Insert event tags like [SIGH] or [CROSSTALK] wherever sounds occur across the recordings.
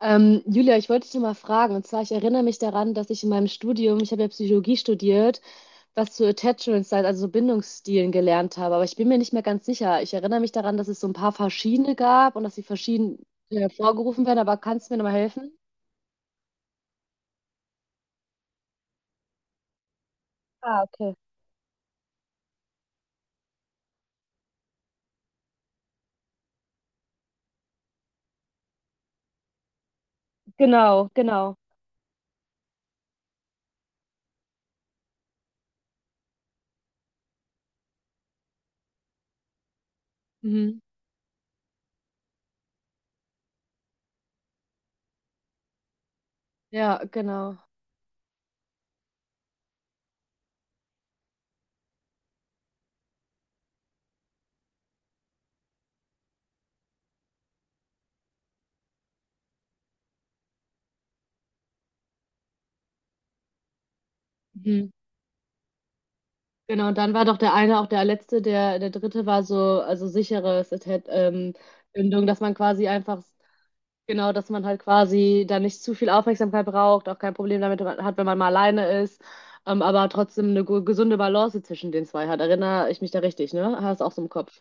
Julia, ich wollte dich noch mal fragen, und zwar, ich erinnere mich daran, dass ich in meinem Studium, ich habe ja Psychologie studiert, was zu Attachment Styles, also so Bindungsstilen gelernt habe, aber ich bin mir nicht mehr ganz sicher. Ich erinnere mich daran, dass es so ein paar verschiedene gab und dass sie verschieden hervorgerufen werden, aber kannst du mir noch mal helfen? Ah, okay. Genau, genau. Mhm. Ja, genau. Mhm. Genau, und dann war doch der eine auch der letzte, der, der dritte war so, also sicheres Bindung, dass man quasi einfach. Genau, dass man halt quasi da nicht zu viel Aufmerksamkeit braucht, auch kein Problem damit hat, wenn man mal alleine ist, aber trotzdem eine gesunde Balance zwischen den zwei hat. Erinnere ich mich da richtig, ne? Hast auch so im Kopf.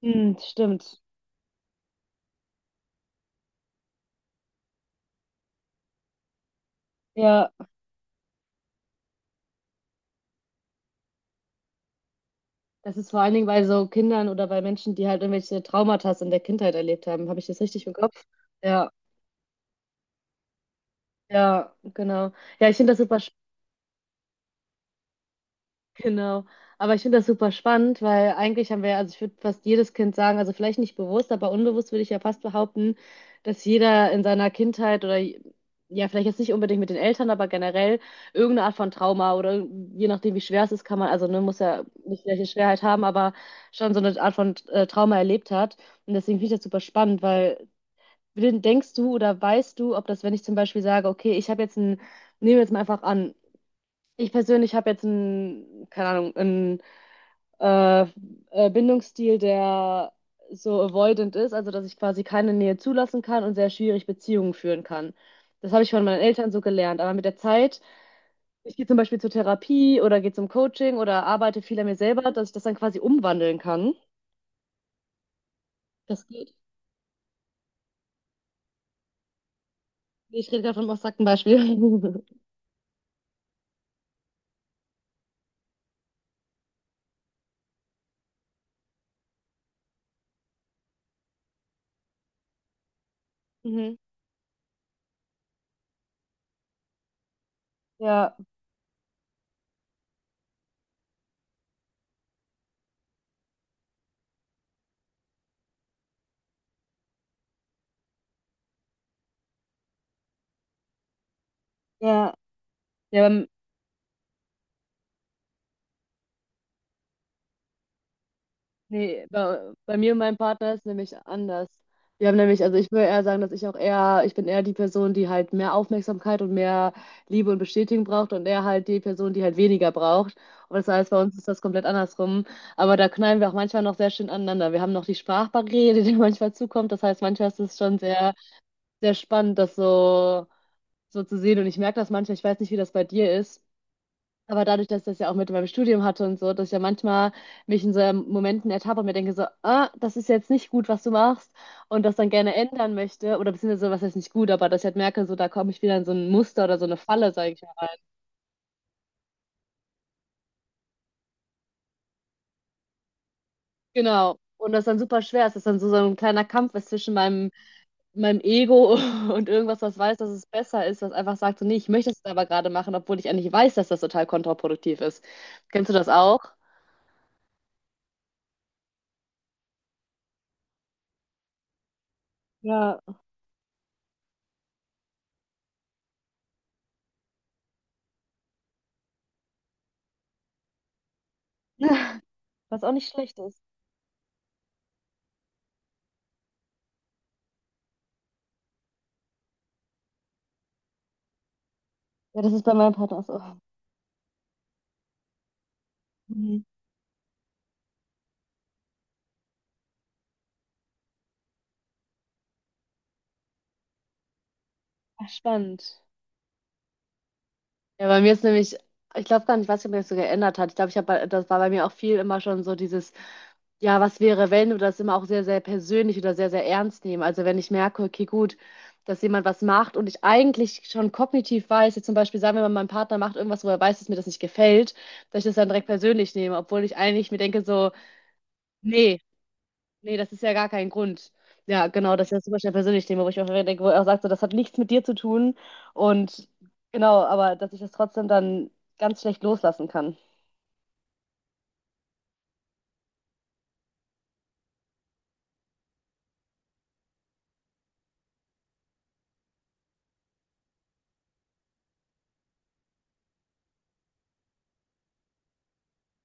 Hm, stimmt. Ja, das ist vor allen Dingen bei so Kindern oder bei Menschen, die halt irgendwelche Traumata in der Kindheit erlebt haben. Habe ich das richtig im Kopf? Ja, ja, genau. Ja, ich finde das super. Genau. Aber ich finde das super spannend, weil eigentlich haben wir, also ich würde fast jedes Kind sagen, also vielleicht nicht bewusst, aber unbewusst würde ich ja fast behaupten, dass jeder in seiner Kindheit oder ja, vielleicht jetzt nicht unbedingt mit den Eltern, aber generell irgendeine Art von Trauma oder je nachdem, wie schwer es ist, kann man, also ne, muss ja nicht gleiche Schwerheit haben, aber schon so eine Art von Trauma erlebt hat. Und deswegen finde ich das super spannend, weil denkst du oder weißt du, ob das, wenn ich zum Beispiel sage, okay, ich habe jetzt ein, nehmen wir jetzt mal einfach an, ich persönlich habe jetzt ein, keine Ahnung, äh, Bindungsstil, der so avoidant ist, also dass ich quasi keine Nähe zulassen kann und sehr schwierig Beziehungen führen kann. Das habe ich von meinen Eltern so gelernt. Aber mit der Zeit, ich gehe zum Beispiel zur Therapie oder gehe zum Coaching oder arbeite viel an mir selber, dass ich das dann quasi umwandeln kann. Das geht. Nee, Ich rede gerade von einem ein Beispiel. [LAUGHS] Mhm. Ja, ja, ja, beim. Nee, bei mir und meinem Partner ist nämlich anders. Wir haben nämlich, also ich würde eher sagen, dass ich auch eher, ich bin eher die Person, die halt mehr Aufmerksamkeit und mehr Liebe und Bestätigung braucht und er halt die Person, die halt weniger braucht. Und das heißt, bei uns ist das komplett andersrum. Aber da knallen wir auch manchmal noch sehr schön aneinander. Wir haben noch die Sprachbarriere, die [LAUGHS] manchmal zukommt. Das heißt, manchmal ist es schon sehr spannend, das so, so zu sehen. Und ich merke das manchmal, ich weiß nicht, wie das bei dir ist. Aber dadurch, dass ich das ja auch mit meinem Studium hatte und so, dass ich ja manchmal mich in so Momenten ertappe und mir denke so, ah, das ist jetzt nicht gut, was du machst und das dann gerne ändern möchte oder beziehungsweise so, was heißt nicht gut, aber dass ich halt merke, so da komme ich wieder in so ein Muster oder so eine Falle, sage ich mal. Genau. Und das dann super schwer ist, dass dann so, so ein kleiner Kampf ist zwischen meinem, meinem Ego [LAUGHS] und irgendwas, was weiß, dass es besser ist, was einfach sagt so, nee, ich möchte das jetzt aber gerade machen, obwohl ich eigentlich weiß, dass das total kontraproduktiv ist. Kennst du das auch? Ja, [LAUGHS] was auch nicht schlecht ist. Ja, das ist bei meinem Partner so. Mhm. Ach, spannend. Ja, bei mir ist nämlich, ich glaube gar nicht, ich weiß nicht, ob mir das so geändert hat. Ich glaube, ich habe, das war bei mir auch viel immer schon so dieses, ja, was wäre, wenn, oder das immer auch sehr persönlich oder sehr ernst nehmen. Also wenn ich merke, okay, gut, dass jemand was macht und ich eigentlich schon kognitiv weiß, jetzt zum Beispiel sagen wir mal, mein Partner macht irgendwas, wo er weiß, dass mir das nicht gefällt, dass ich das dann direkt persönlich nehme, obwohl ich eigentlich mir denke so, nee. Nee, das ist ja gar kein Grund. Ja, genau, das ist ja super schnell persönlich Thema, wo ich mir denke, wo er auch sagt, so, das hat nichts mit dir zu tun. Und genau, aber dass ich das trotzdem dann ganz schlecht loslassen kann.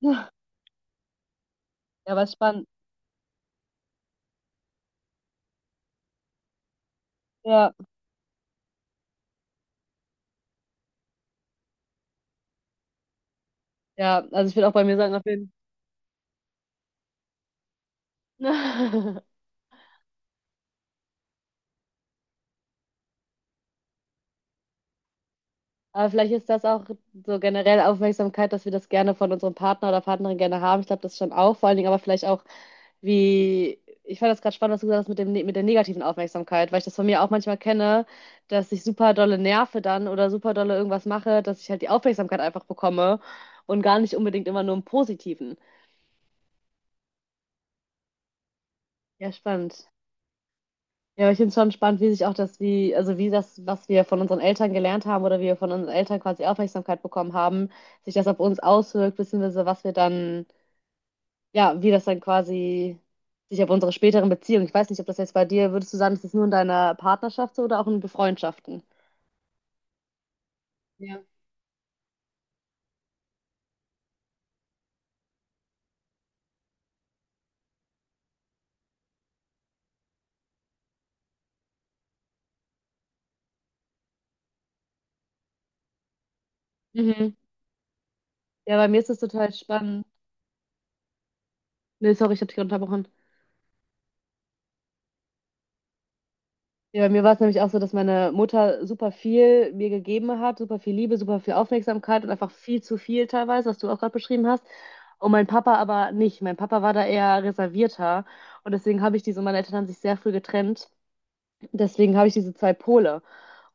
[LAUGHS] Ja, aber spannend. Ja, ja, also ich will auch bei mir sagen, auf jeden [LAUGHS] Fall. Aber vielleicht ist das auch so generell Aufmerksamkeit, dass wir das gerne von unserem Partner oder Partnerin gerne haben. Ich glaube, das schon auch, vor allen Dingen aber vielleicht auch, wie, ich fand das gerade spannend, was du gesagt hast mit dem, mit der negativen Aufmerksamkeit, weil ich das von mir auch manchmal kenne, dass ich super dolle nerve dann oder super dolle irgendwas mache, dass ich halt die Aufmerksamkeit einfach bekomme und gar nicht unbedingt immer nur im Positiven. Ja, spannend. Ja, aber ich finde es schon spannend, wie sich auch das, wie, also wie das, was wir von unseren Eltern gelernt haben oder wie wir von unseren Eltern quasi Aufmerksamkeit bekommen haben, sich das auf uns auswirkt, beziehungsweise was wir dann, ja, wie das dann quasi sich auf unsere späteren Beziehungen. Ich weiß nicht, ob das jetzt bei dir, würdest du sagen, ist das nur in deiner Partnerschaft so oder auch in Befreundschaften? Ja. Mhm. Ja, bei mir ist das total spannend. Nee, sorry, ich habe dich unterbrochen. Ja, bei mir war es nämlich auch so, dass meine Mutter super viel mir gegeben hat, super viel Liebe, super viel Aufmerksamkeit und einfach viel zu viel teilweise, was du auch gerade beschrieben hast. Und mein Papa aber nicht. Mein Papa war da eher reservierter. Und deswegen habe ich diese, meine Eltern haben sich sehr früh getrennt. Deswegen habe ich diese zwei Pole.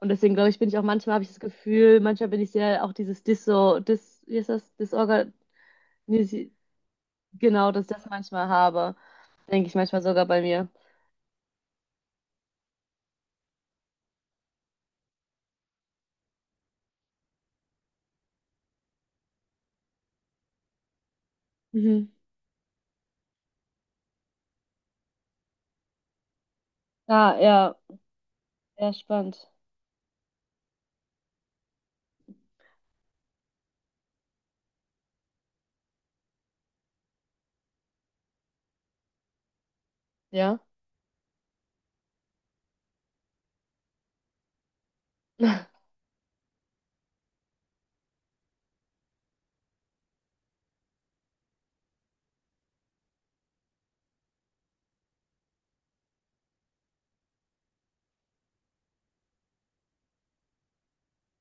Und deswegen glaube ich, bin ich auch manchmal, habe ich das Gefühl, manchmal bin ich sehr auch dieses wie ist das? Disorga, nee, genau, dass ich das manchmal habe. Denke ich manchmal sogar bei mir. Mhm. Ah, ja, sehr spannend. Ja. [LAUGHS]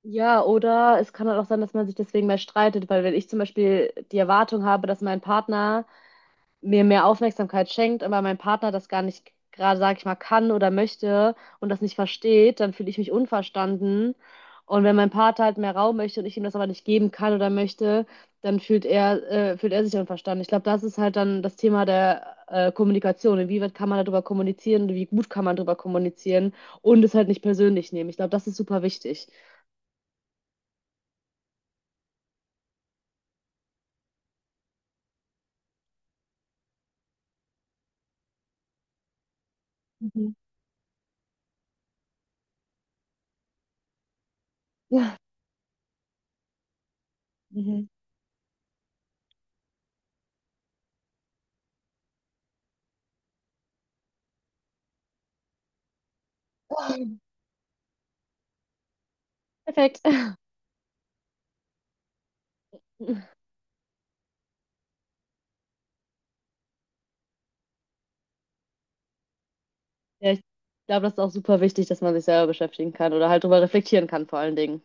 Ja, oder es kann halt auch sein, dass man sich deswegen mehr streitet, weil wenn ich zum Beispiel die Erwartung habe, dass mein Partner mir mehr Aufmerksamkeit schenkt, aber mein Partner das gar nicht gerade, sag ich mal, kann oder möchte und das nicht versteht, dann fühle ich mich unverstanden. Und wenn mein Partner halt mehr Raum möchte und ich ihm das aber nicht geben kann oder möchte, dann fühlt er sich unverstanden. Ich glaube, das ist halt dann das Thema der Kommunikation. Inwieweit kann man darüber kommunizieren und wie gut kann man darüber kommunizieren und es halt nicht persönlich nehmen. Ich glaube, das ist super wichtig. Mhm. [LAUGHS] Mhm. [LAUGHS] Perfekt. Ja, ich glaube, das ist auch super wichtig, dass man sich selber beschäftigen kann oder halt drüber reflektieren kann, vor allen Dingen.